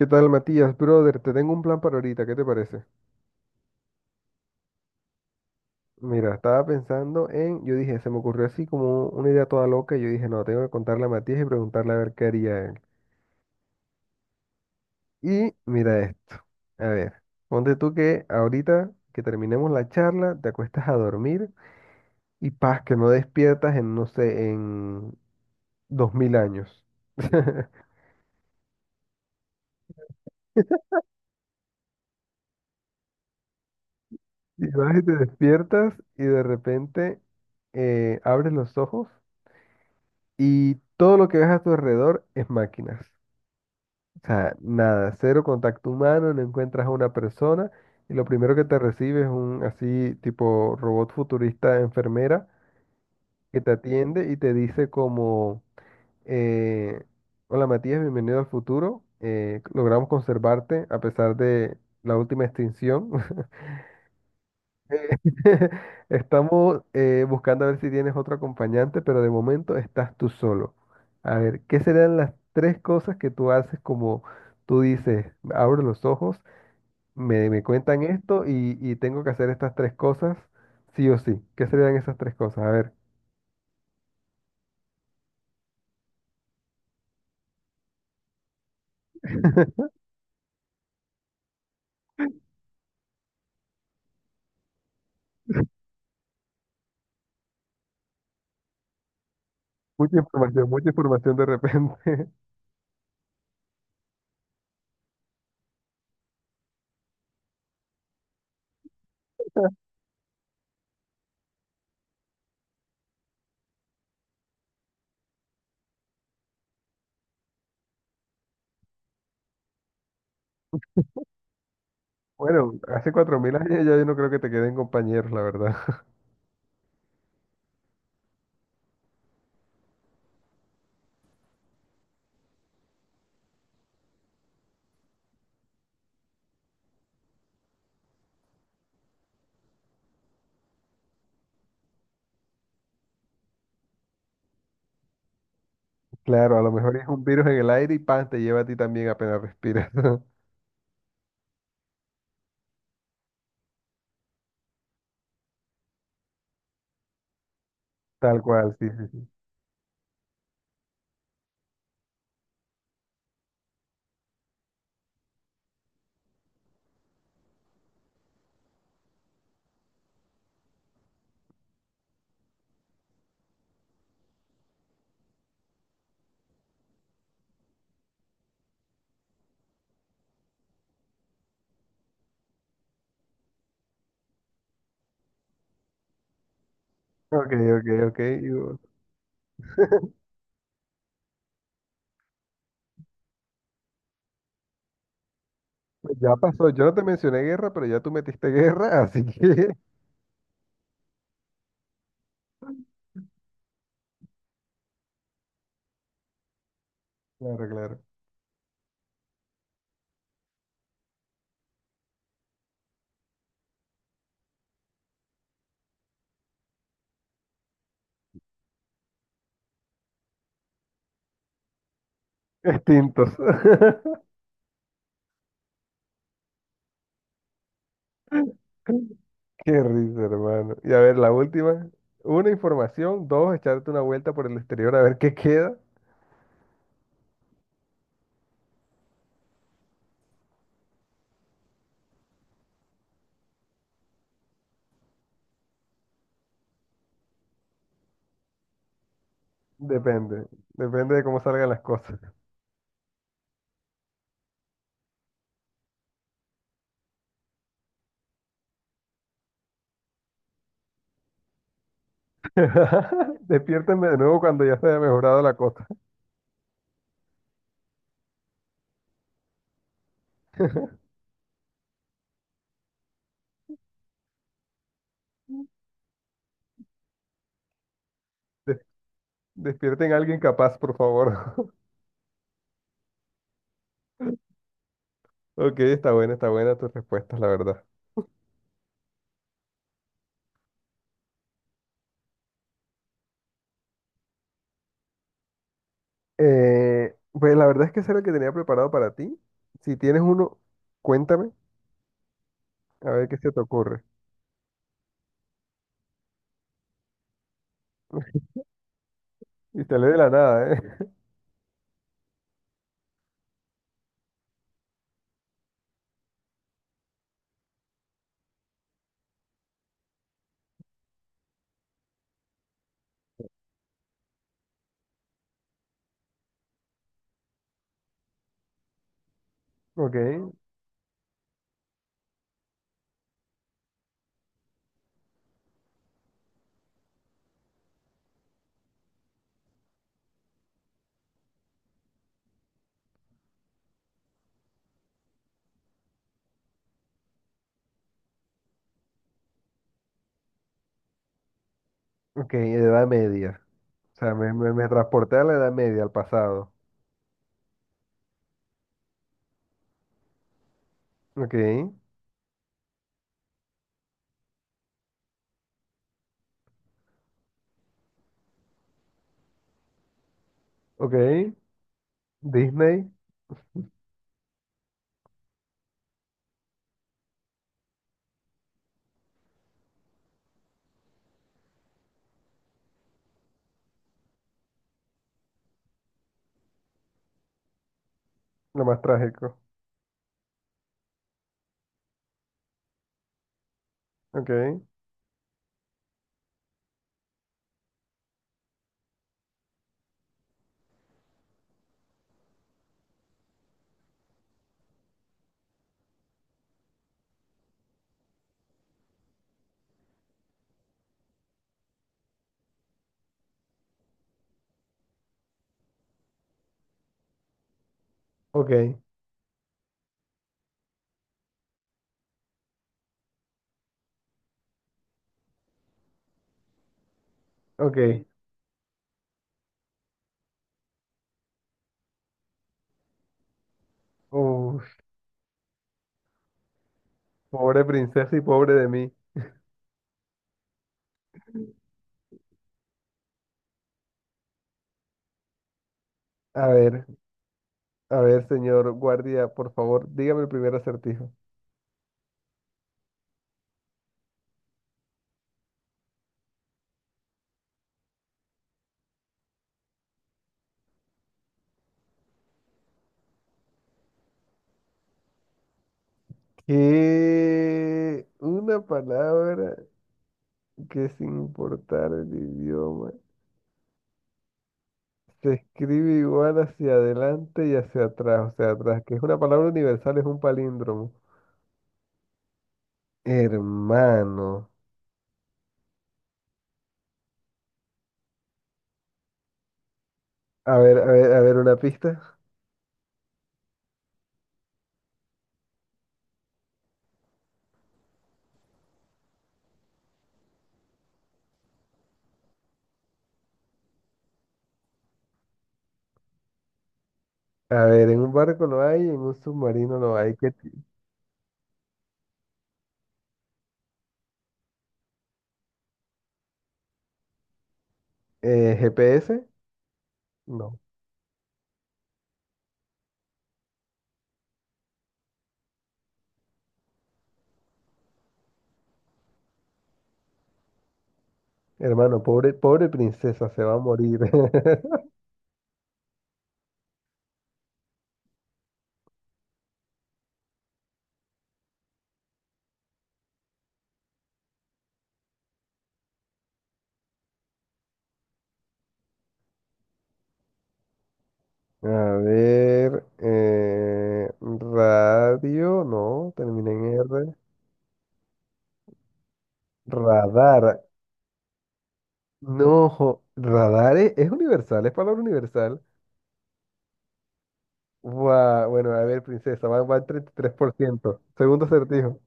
¿Qué tal, Matías? Brother, te tengo un plan para ahorita, ¿qué te parece? Mira, estaba pensando yo dije, se me ocurrió así como una idea toda loca, y yo dije, no, tengo que contarle a Matías y preguntarle a ver qué haría él. Y mira esto, a ver, ponte tú que ahorita que terminemos la charla, te acuestas a dormir y paz, que no despiertas en, no sé, en 2.000 años. Y vas y te despiertas y de repente abres los ojos y todo lo que ves a tu alrededor es máquinas. O sea, nada, cero contacto humano, no encuentras a una persona y lo primero que te recibe es un así tipo robot futurista enfermera que te atiende y te dice como, eh, hola Matías, bienvenido al futuro, logramos conservarte a pesar de la última extinción. Eh, Estamos buscando a ver si tienes otro acompañante, pero de momento estás tú solo. A ver, ¿qué serán las tres cosas que tú haces como tú dices, abro los ojos? Me cuentan esto y tengo que hacer estas tres cosas, sí o sí. ¿Qué serían esas tres cosas? A ver, mucha información de repente. Bueno, hace 4.000 años ya yo no creo que te queden compañeros, la verdad. Claro, a lo mejor es un virus en el aire y pan, te lleva a ti también apenas respiras. Tal cual, sí, sí, sí. Ok, ok, ok. Pues ya pasó, yo no te mencioné guerra, pero ya tú metiste guerra, así que. Claro, claro. Extintos. Qué risa, hermano. Y a ver, la última. Una, información. Dos, echarte una vuelta por el exterior a ver qué queda. Depende. Depende de cómo salgan las cosas. Despiértenme de nuevo cuando ya se haya mejorado la cosa. Des- Despierten a alguien capaz, por favor. Ok, está buena tus respuestas, la verdad. Pues la verdad es que ese era el que tenía preparado para ti. Si tienes uno, cuéntame, a ver qué se te ocurre. Y te lee de la nada, ¿eh? Ok, ok, Edad Media. O sea, me transporté a la Edad Media, al pasado. Ok, ok. Disney, lo más trágico. Ok, ok, ok. Uf, pobre princesa y pobre de mí. A ver, a ver, señor guardia, por favor, dígame el primer acertijo. Que una palabra que sin importar el idioma se escribe igual hacia adelante y hacia atrás, o sea, atrás, que es una palabra universal, es un palíndromo. Hermano. A ver, a ver, a ver una pista. A ver, en un barco lo hay, en un submarino lo hay. ¿ GPS? No. Hermano, pobre, pobre princesa, se va a morir. A ver, radio, no, termina en R. Radar, no, radar es universal, es palabra universal. Guau, bueno, a ver, princesa, va al 33%. Segundo acertijo.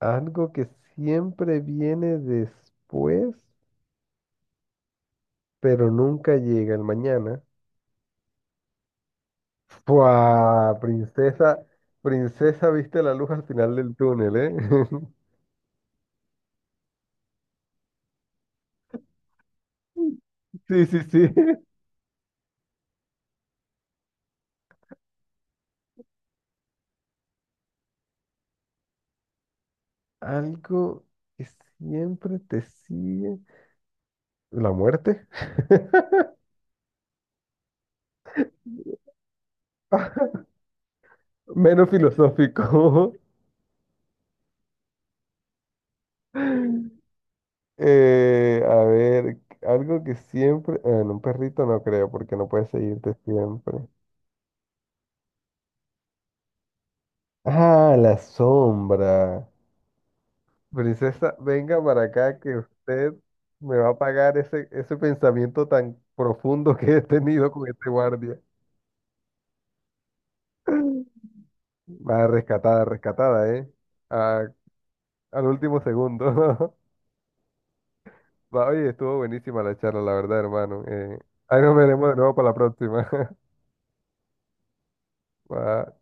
Algo que siempre viene después, pero nunca llega el mañana. ¡Fua! Princesa, princesa, viste la luz al final del túnel, ¿eh? Sí, sí, sí. Algo que siempre te sigue. ¿La muerte? Menos filosófico. A ver, algo que siempre. En un perrito no creo, porque no puede seguirte siempre. Ah, la sombra. Princesa, venga para acá que usted me va a pagar ese pensamiento tan profundo que he tenido con este guardia. Va rescatada, rescatada, ¿eh? A- Al último segundo. Va, oye, estuvo buenísima la charla, la verdad, hermano. Ahí nos veremos de nuevo para la próxima. Va.